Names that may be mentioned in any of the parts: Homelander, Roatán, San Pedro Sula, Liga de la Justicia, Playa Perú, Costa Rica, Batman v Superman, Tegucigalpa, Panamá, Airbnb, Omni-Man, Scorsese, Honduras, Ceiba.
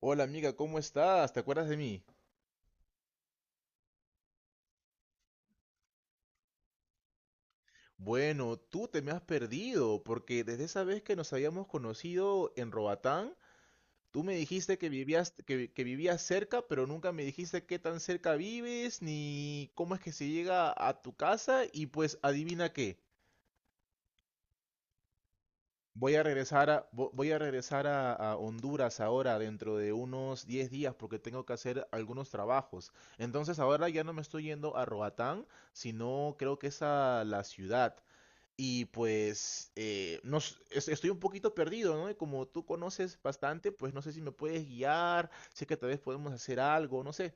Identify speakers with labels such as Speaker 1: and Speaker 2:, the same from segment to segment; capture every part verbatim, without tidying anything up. Speaker 1: Hola amiga, ¿cómo estás? ¿Te acuerdas de mí? Bueno, tú te me has perdido, porque desde esa vez que nos habíamos conocido en Robatán, tú me dijiste que vivías, que, que vivías cerca, pero nunca me dijiste qué tan cerca vives, ni cómo es que se llega a tu casa, y pues adivina qué, voy a regresar a, vo- voy a regresar a, a Honduras ahora dentro de unos diez días, porque tengo que hacer algunos trabajos. Entonces ahora ya no me estoy yendo a Roatán, sino creo que es a la ciudad. Y pues eh, no s- es- estoy un poquito perdido, ¿no? Y como tú conoces bastante, pues no sé si me puedes guiar, sé que tal vez podemos hacer algo, no sé.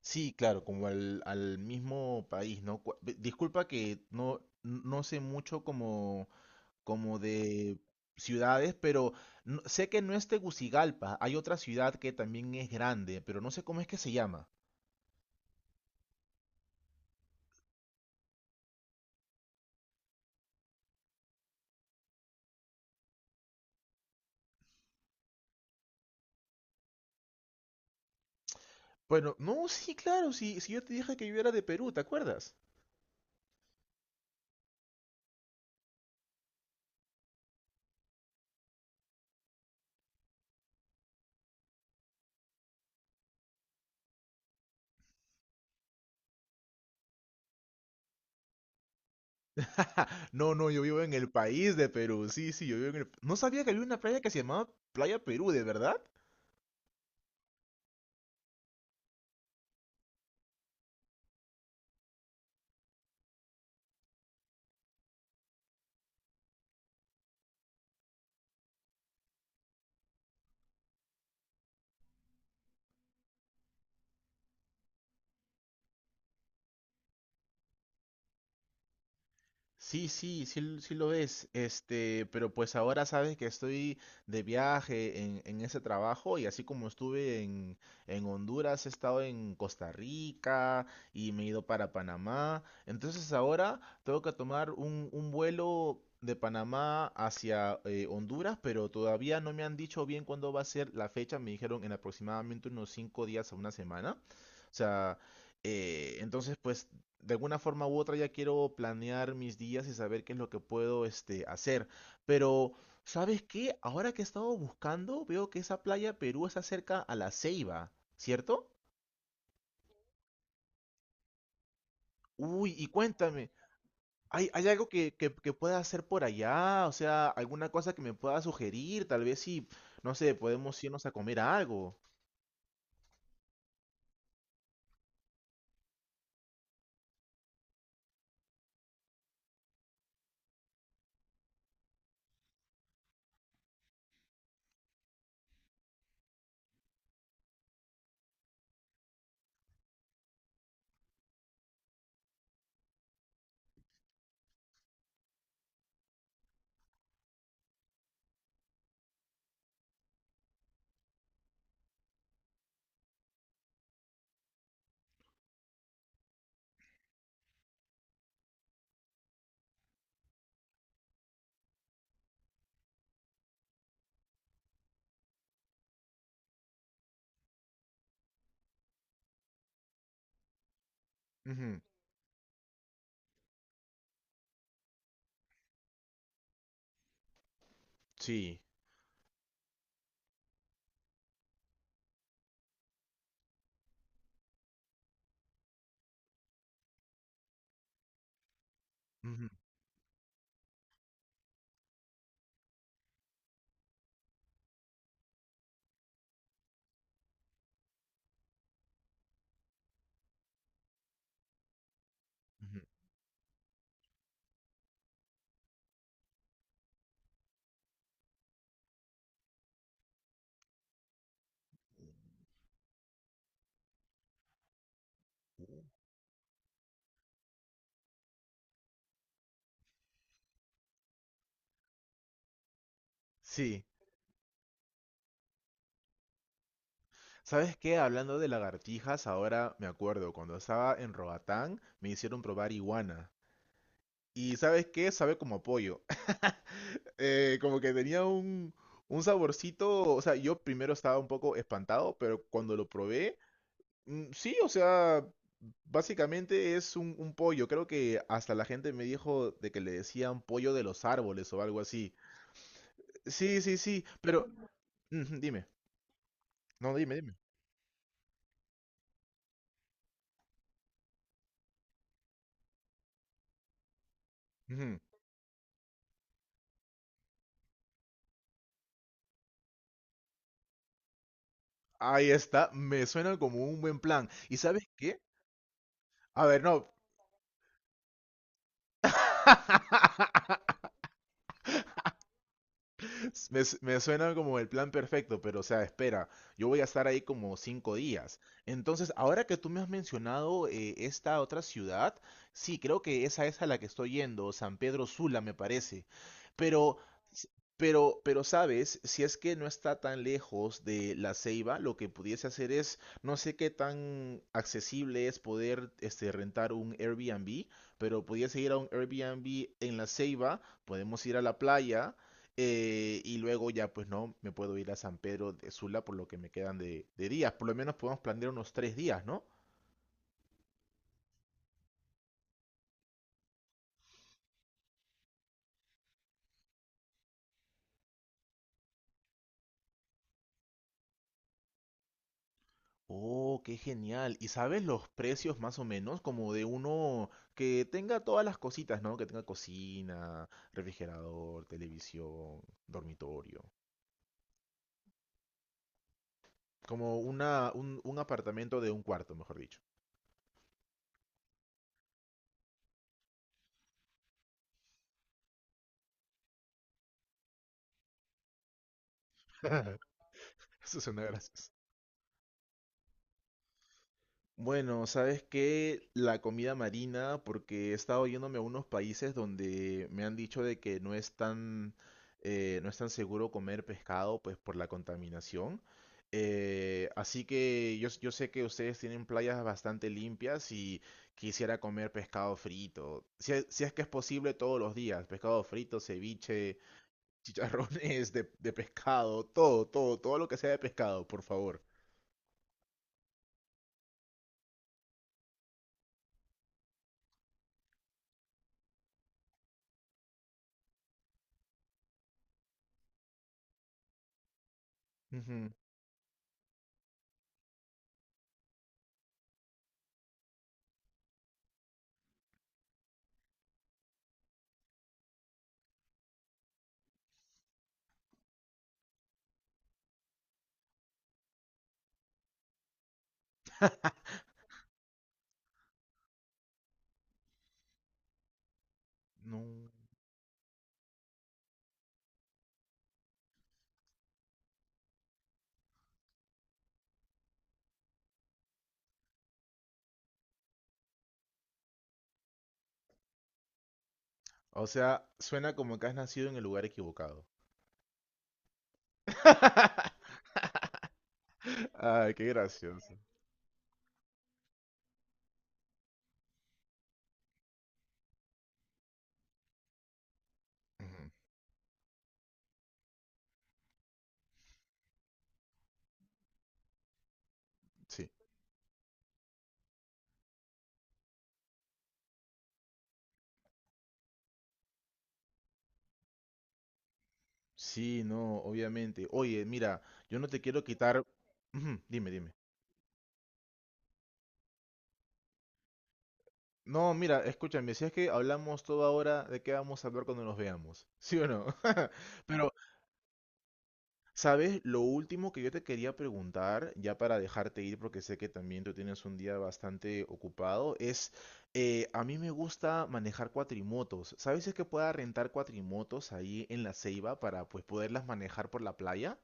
Speaker 1: Sí, claro, como al, al mismo país, ¿no? Cu- ve- Disculpa que no, no sé mucho como, como de ciudades, pero no- sé que no es Tegucigalpa, hay otra ciudad que también es grande, pero no sé cómo es que se llama. Bueno, no, sí, claro, sí, sí yo te dije que yo era de Perú, ¿te acuerdas? No, no, yo vivo en el país de Perú. Sí, sí, yo vivo en el... No sabía que había una playa que se llamaba Playa Perú, ¿de verdad? Sí, sí, sí, l- sí lo es. Este, pero pues ahora sabes que estoy de viaje en, en ese trabajo y así como estuve en, en Honduras, he estado en Costa Rica y me he ido para Panamá. Entonces ahora tengo que tomar un, un vuelo de Panamá hacia eh, Honduras, pero todavía no me han dicho bien cuándo va a ser la fecha. Me dijeron en aproximadamente unos cinco días a una semana. O sea, eh, entonces pues de alguna forma u otra ya quiero planear mis días y saber qué es lo que puedo este, hacer. Pero, ¿sabes qué? Ahora que he estado buscando, veo que esa playa Perú está cerca a la Ceiba, ¿cierto? Uy, y cuéntame, ¿hay, hay algo que, que, que pueda hacer por allá? O sea, alguna cosa que me pueda sugerir, tal vez si, no sé, podemos irnos a comer algo. Ujú. Sí. Ujú. Ujú. Sí. ¿Sabes qué? Hablando de lagartijas, ahora me acuerdo, cuando estaba en Roatán me hicieron probar iguana. Y ¿sabes qué? Sabe como a pollo. Eh, como que tenía un, un saborcito, o sea, yo primero estaba un poco espantado, pero cuando lo probé, mm, sí, o sea, básicamente es un, un pollo. Creo que hasta la gente me dijo de que le decían pollo de los árboles o algo así. Sí, sí, sí, pero... Ujú, dime, no, dime, dime. Ujú. Ahí está, me suena como un buen plan. ¿Y sabes qué? A ver, no. Me, su- me suena como el plan perfecto, pero o sea, espera, yo voy a estar ahí como cinco días. Entonces, ahora que tú me has mencionado eh, esta otra ciudad, sí, creo que esa es a la que estoy yendo, San Pedro Sula, me parece. Pero, s- pero, pero, ¿sabes? Si es que no está tan lejos de La Ceiba, lo que pudiese hacer es, no sé qué tan accesible es poder este, rentar un Airbnb, pero pudiese ir a un Airbnb en La Ceiba, podemos ir a la playa eh, y luego ya pues no, me puedo ir a San Pedro de Sula por lo que me quedan de, de días. Por lo menos podemos planear unos tres días, ¿no? Oh, qué genial. ¿Y sabes los precios más o menos? Como de uno que tenga todas las cositas, ¿no? Que tenga cocina, refrigerador, televisión, dormitorio. Como una, un, un apartamento de un cuarto, mejor dicho. Eso suena gracioso. Bueno, ¿sabes qué? La comida marina, porque he estado yéndome a unos países donde me han dicho de que no es tan, eh, no es tan seguro comer pescado, pues por la contaminación. Eh, así que yo, s- yo sé que ustedes tienen playas bastante limpias y quisiera comer pescado frito. Si es, si es que es posible todos los días, pescado frito, ceviche, chicharrones de, de pescado, todo, todo, todo lo que sea de pescado, por favor. Ujú. No. O sea, suena como que has nacido en el lugar equivocado. Ay, qué gracioso. Ujú. Sí, sí, no, obviamente. Oye, mira, yo no te quiero quitar. Ujú. Dime, dime. No, mira, escúchame, si es que hablamos toda hora, ¿de qué vamos a hablar cuando nos veamos? ¿Sí o no? Pero ¿sabes? Lo último que yo te quería preguntar, ya para dejarte ir, porque sé que también tú tienes un día bastante ocupado, es, eh, a mí me gusta manejar cuatrimotos. ¿Sabes si es que pueda rentar cuatrimotos ahí en la Ceiba para pues poderlas manejar por la playa?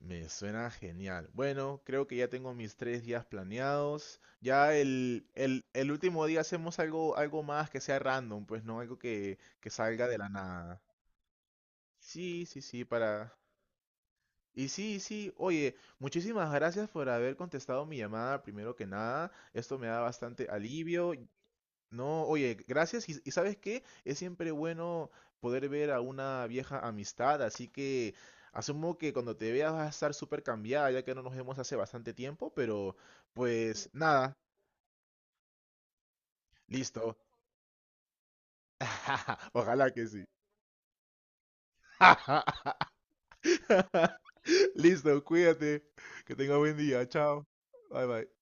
Speaker 1: Me suena genial. Bueno, creo que ya tengo mis tres días planeados. Ya el, el, el último día hacemos algo, algo más que sea random, pues no algo que, que salga de la nada. Sí, sí, sí, para... Y sí, y sí, oye, muchísimas gracias por haber contestado mi llamada primero que nada. Esto me da bastante alivio. Y… No, oye, gracias. Y, y ¿sabes qué? Es siempre bueno poder ver a una vieja amistad, así que asumo que cuando te veas vas a estar súper cambiada, ya que no nos vemos hace bastante tiempo, pero pues nada, listo. Ojalá que sí. Listo, cuídate. Que tenga buen día. Chao. Bye bye.